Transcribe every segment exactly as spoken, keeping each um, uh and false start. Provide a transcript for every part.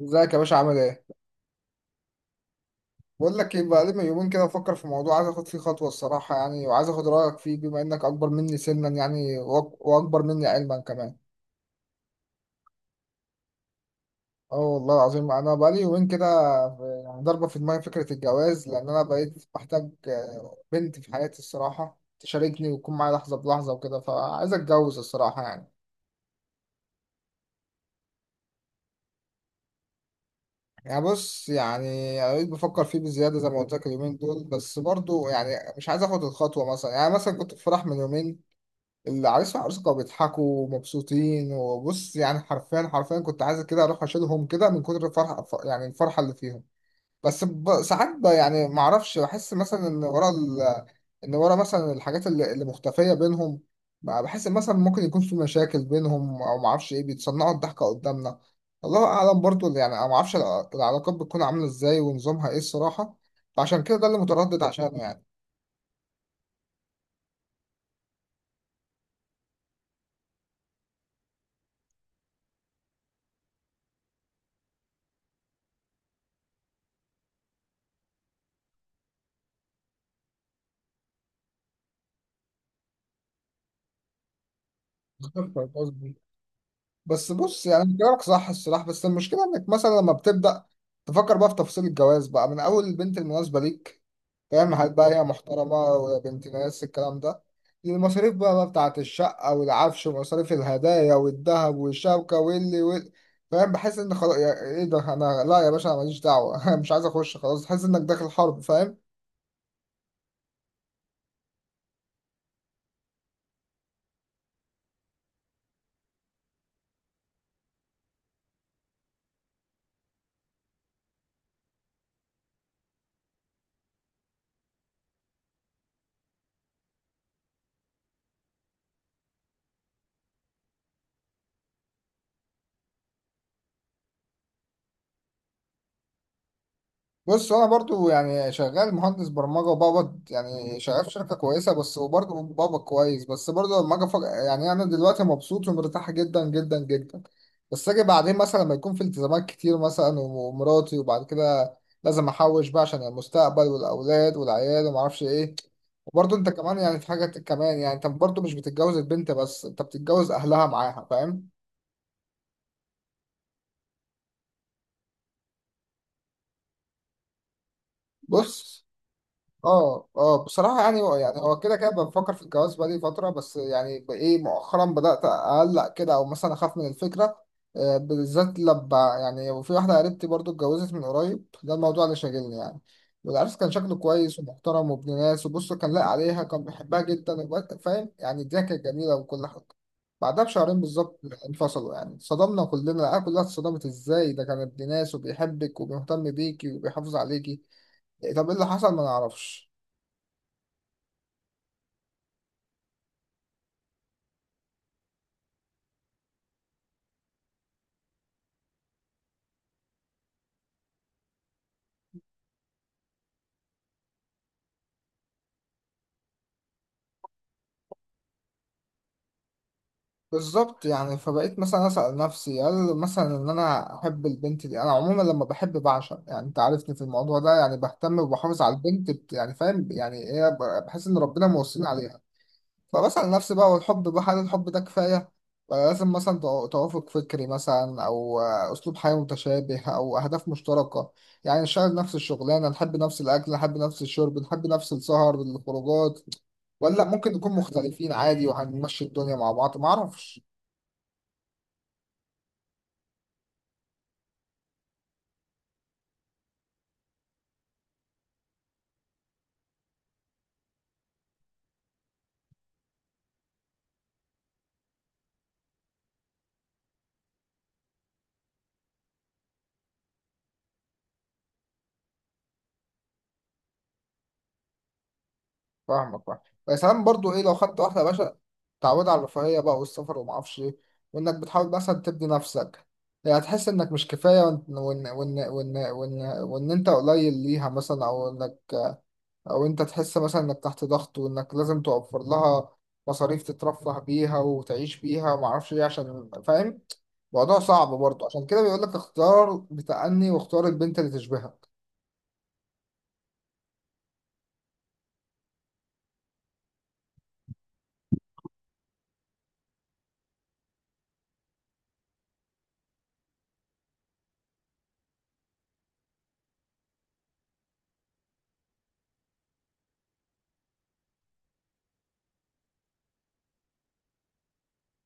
ازيك يا باشا عامل ايه؟ بقول لك ايه بقى لي من يومين كده بفكر في موضوع عايز اخد فيه خطوة الصراحة يعني وعايز اخد رأيك فيه بما انك اكبر مني سنا يعني وأك- واكبر مني علما كمان. اه والله العظيم انا بقى لي يومين كده ب- يعني ضاربة في دماغي فكرة الجواز لان انا بقيت بحتاج آه، بنت في حياتي الصراحة تشاركني وتكون معايا لحظة بلحظة وكده فعايز اتجوز الصراحة يعني. يعني بص يعني انا بقيت بفكر فيه بزياده زي ما قلت لك اليومين دول بس برضو يعني مش عايز اخد الخطوه مثلا يعني مثلا كنت في فرح من يومين. العريس والعروسة كانوا بيضحكوا ومبسوطين وبص يعني حرفيا حرفيا كنت عايز كده اروح اشيلهم كده من كتر الفرحة ف- يعني الفرحة اللي فيهم. بس ب- ساعات ب- يعني ما اعرفش بحس مثلا ان ورا ال... ان ورا مثلا الحاجات اللي, اللي مختفية بينهم. بقى بحس إن مثلا ممكن يكون في مشاكل بينهم او ما اعرفش ايه بيتصنعوا الضحكة قدامنا. الله اعلم برضو اللي يعني أنا ما اعرفش الع- العلاقات بتكون عاملة ازاي ونظامها ايه الصراحة. فعشان كده ده اللي متردد عشان يعني. بس بص يعني انت كلامك صح الصراحة بس المشكلة انك مثلا لما بتبدأ تفكر بقى في تفاصيل الجواز بقى من اول البنت المناسبة ليك، فاهم؟ هل بقى هي محترمة ولا بنت ناس الكلام ده، المصاريف بقى, بقى بتاعة الشقة والعفش ومصاريف الهدايا والذهب والشبكة واللي وال... فاهم؟ بحس ان خلاص يا... ايه ده، انا لا يا باشا أنا ماليش دعوة مش عايز اخش خلاص، تحس انك داخل حرب، فاهم؟ بص انا برضو يعني شغال مهندس برمجه وبقبض يعني شغال في شركه كويسه بس وبرضو بقبض كويس، بس برضو لما اجي أفكر- يعني انا دلوقتي مبسوط ومرتاح جدا جدا جدا. بس اجي بعدين مثلا لما يكون في التزامات كتير مثلا ومراتي وبعد كده لازم احوش بقى عشان المستقبل والاولاد والعيال وما اعرفش ايه. وبرضو انت كمان يعني في حاجه كمان، يعني انت برضو مش بتتجوز البنت بس، انت بتتجوز اهلها معاها، فاهم؟ بص، اه اه بصراحة يعني هو يعني هو كده كده بفكر في الجواز بقالي فترة، بس يعني ب- ايه مؤخرا بدأت أقلق كده أو مثلا أخاف من الفكرة آه، بالذات لما يعني وفي واحدة قريبتي برضو اتجوزت من قريب، ده الموضوع اللي شاغلني يعني. والعرس كان شكله كويس ومحترم وابن ناس وبص، كان لاقي عليها، كان بيحبها جدا وبقى- فاهم؟ يعني الدنيا كانت جميلة وكل حاجة. بعدها بشهرين بالظبط انفصلوا. يعني صدمنا كلنا، العيال كلها اتصدمت ازاي ده كان ابن ناس وبيحبك وبيهتم بيكي وبيحافظ عليكي، إيه، طب ايه اللي حصل؟ ما نعرفش. بالظبط، يعني فبقيت مثلا أسأل نفسي هل مثلا إن أنا أحب البنت دي، أنا عموما لما بحب بعشق يعني أنت عارفني في الموضوع ده، يعني بهتم وبحافظ على البنت بت- يعني فاهم؟ يعني إيه ب- بحس إن ربنا موصيني عليها. فبسأل نفسي بقى، هو الحب بقى هل الحب ده كفاية؟ ولا لازم مثلا تو- توافق فكري مثلا أو آه، أسلوب حياة متشابه أو أهداف مشتركة، يعني نشتغل نفس الشغلانة نحب نفس الأكل نحب نفس الشرب نحب نفس السهر الخروجات، ولا ممكن نكون مختلفين عادي وهنمشي الدنيا مع بعض؟ معرفش. فاهمك فاهم. بس ساعات برضو ايه، لو خدت واحده يا باشا تعود على الرفاهيه بقى والسفر وما اعرفش ايه، وانك بتحاول مثلا تبني نفسك، يعني هتحس انك مش كفايه وان وان وان وان وان, وإن انت قليل ليها مثلا او انك او انت تحس مثلا انك تحت ضغط وانك لازم توفر لها مصاريف تترفه بيها وتعيش بيها وما اعرفش ايه عشان، فاهم؟ موضوع صعب برضو، عشان كده بيقول لك اختار بتأني واختار البنت اللي تشبهك.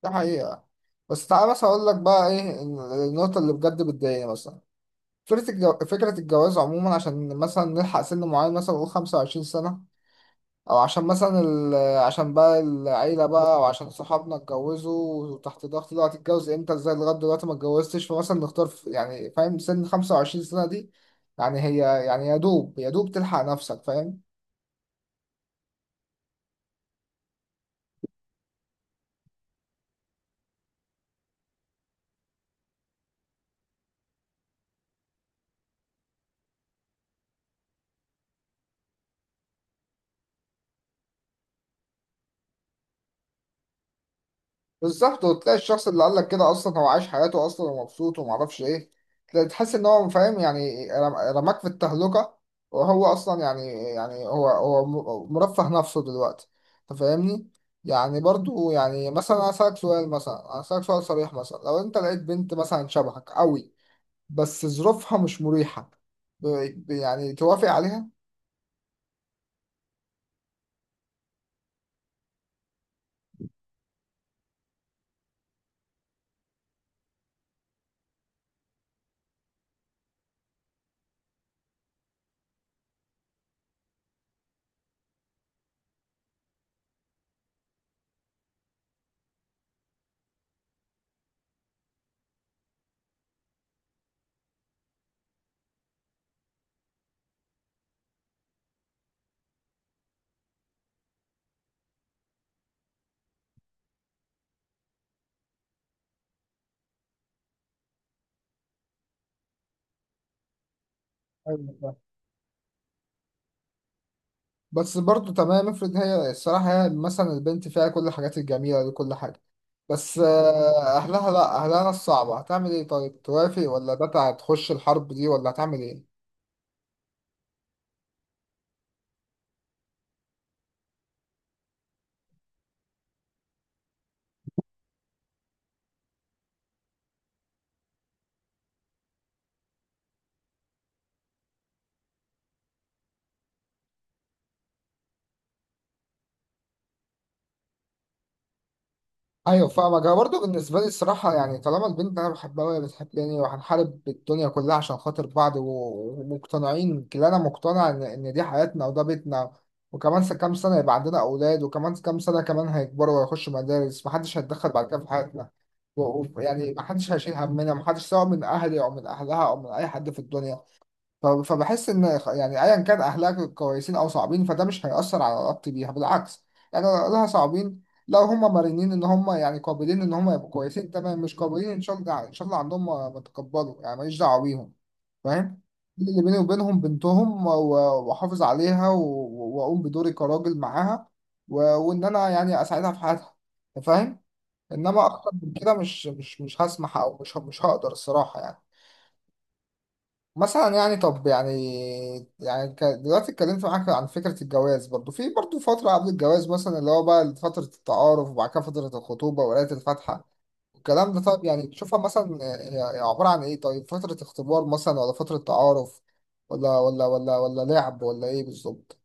ده حقيقه. بس تعالى مثلا اقول لك بقى ايه، النقطه اللي بجد بتضايقني مثلا فكرة الجو... فكرة الجواز عموما عشان مثلا نلحق سن معين، مثلا نقول خمسة وعشرين سنة، أو عشان مثلا ال... عشان بقى العيلة بقى أو عشان صحابنا اتجوزوا وتحت ضغط دلوقتي، اتجوز امتى ازاي لغاية دلوقتي ما اتجوزتش، فمثلا نختار في... يعني فاهم؟ سن خمسة وعشرين سنة دي يعني هي يعني يا دوب يا دوب تلحق نفسك، فاهم؟ بالظبط، وتلاقي الشخص اللي قال لك كده اصلا هو عايش حياته اصلا ومبسوط وما اعرفش ايه. تلاقي- تحس ان هو فاهم يعني رم- رماك في التهلكه، وهو اصلا يعني، يعني هو هو م- مرفه نفسه دلوقتي، انت فاهمني؟ يعني برضو يعني مثلا انا اسالك سؤال، مثلا انا اسالك سؤال صريح، مثلا لو انت لقيت بنت مثلا شبهك قوي بس ظروفها مش مريحه، ب- ب- يعني توافق عليها؟ بس برضو تمام، افرض هي الصراحة هي مثلا البنت فيها كل الحاجات الجميلة دي كل حاجة، بس آه، أهلها لأ، أهلها الصعبة، هتعمل إيه؟ طيب توافق ولا ده هتخش الحرب دي ولا هتعمل إيه؟ ايوه فاهمك. انا برضه بالنسبه لي الصراحه يعني طالما البنت اللي انا بحبها وهي بتحبني وهنحارب الدنيا كلها عشان خاطر بعض و- ومقتنعين كلنا، انا مقتنع ان ان دي حياتنا وده بيتنا، وكمان س- كام سنه يبقى عندنا اولاد، وكمان كام سنه كمان هيكبروا ويخشوا مدارس، محدش هيتدخل بعد كده في حياتنا، و- و- يعني محدش هيشيل همنا، محدش سواء من اهلي او من اهلها او من اي حد في الدنيا. ف- فبحس ان خ- يعني ايا كان اهلها كويسين او صعبين فده مش هيأثر على علاقتي بيها، بالعكس. يعني لو اهلها صعبين، لو هم مرنين ان هم يعني قابلين ان هم يبقوا كويسين تمام، مش قابلين ان شاء الله يعني ان شاء الله عندهم ما ما تكبروا يعني، ماليش دعوه بيهم، فاهم؟ اللي بيني وبينهم بنتهم و- واحافظ عليها و- واقوم بدوري كراجل معاها، و- وان انا يعني اساعدها في حياتها، فاهم؟ انما اكتر من كده مش مش مش هسمح او مش مش هقدر الصراحه يعني. مثلا يعني طب يعني، يعني ك- دلوقتي اتكلمت معاك عن فكرة الجواز، برضو في برضو فترة قبل الجواز مثلا اللي هو بقى فترة التعارف وبعد كده فترة الخطوبة وقراية الفاتحة الكلام ده، طب يعني تشوفها مثلا هي- هي عبارة عن ايه؟ طيب فترة اختبار مثلا ولا فترة تعارف ولا ولا ولا ولا لعب ولا ايه بالظبط؟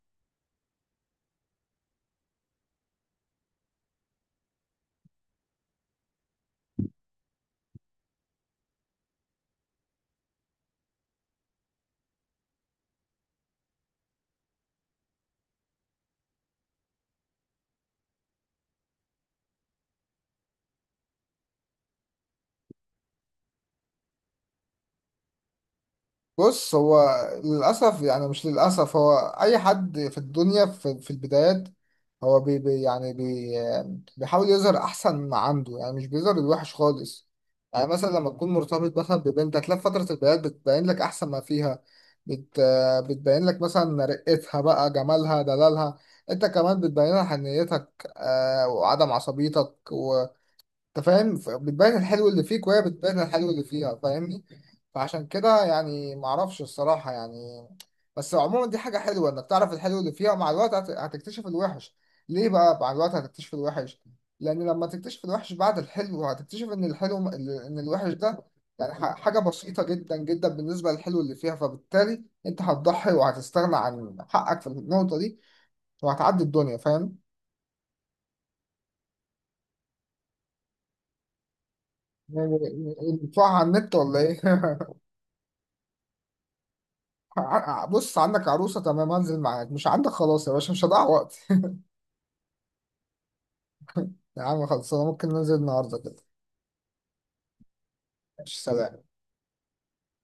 بص هو، للأسف يعني مش للأسف هو، أي حد في الدنيا في, في البدايات، هو بي بي يعني بي بيحاول يظهر أحسن ما عنده، يعني مش بيظهر الوحش خالص. يعني مثلا لما تكون مرتبط مثلا ببنت، هتلاقي في فترة البدايات بتبين لك أحسن ما فيها، بت بتبين لك مثلا رقتها بقى جمالها دلالها. أنت كمان بتبين لها حنيتك آه، وعدم عصبيتك، انت فاهم؟ ف- بتبان الحلو اللي فيك وهي بتبان الحلو اللي فيها، فاهمني؟ فعشان كده يعني معرفش الصراحة يعني، بس عموما دي حاجة حلوة انك تعرف الحلو اللي فيها، ومع الوقت هت- هتكتشف الوحش. ليه بقى مع الوقت هتكتشف الوحش؟ لان لما تكتشف الوحش بعد الحلو هتكتشف ان الحلو م- ان الوحش ده يعني ح- حاجة بسيطة جدا جدا بالنسبة للحلو اللي فيها، فبالتالي انت هتضحي وهتستغنى عن حقك في النقطة دي وهتعدي الدنيا، فاهم؟ يعني ندفعها على النت ولا ايه؟ ع- ع- بص، عندك عروسة تمام هنزل معاك، مش عندك خلاص يا باشا مش هضيع وقت. يا عم خلصانة، ممكن ننزل النهاردة كده. ماشي، سلام.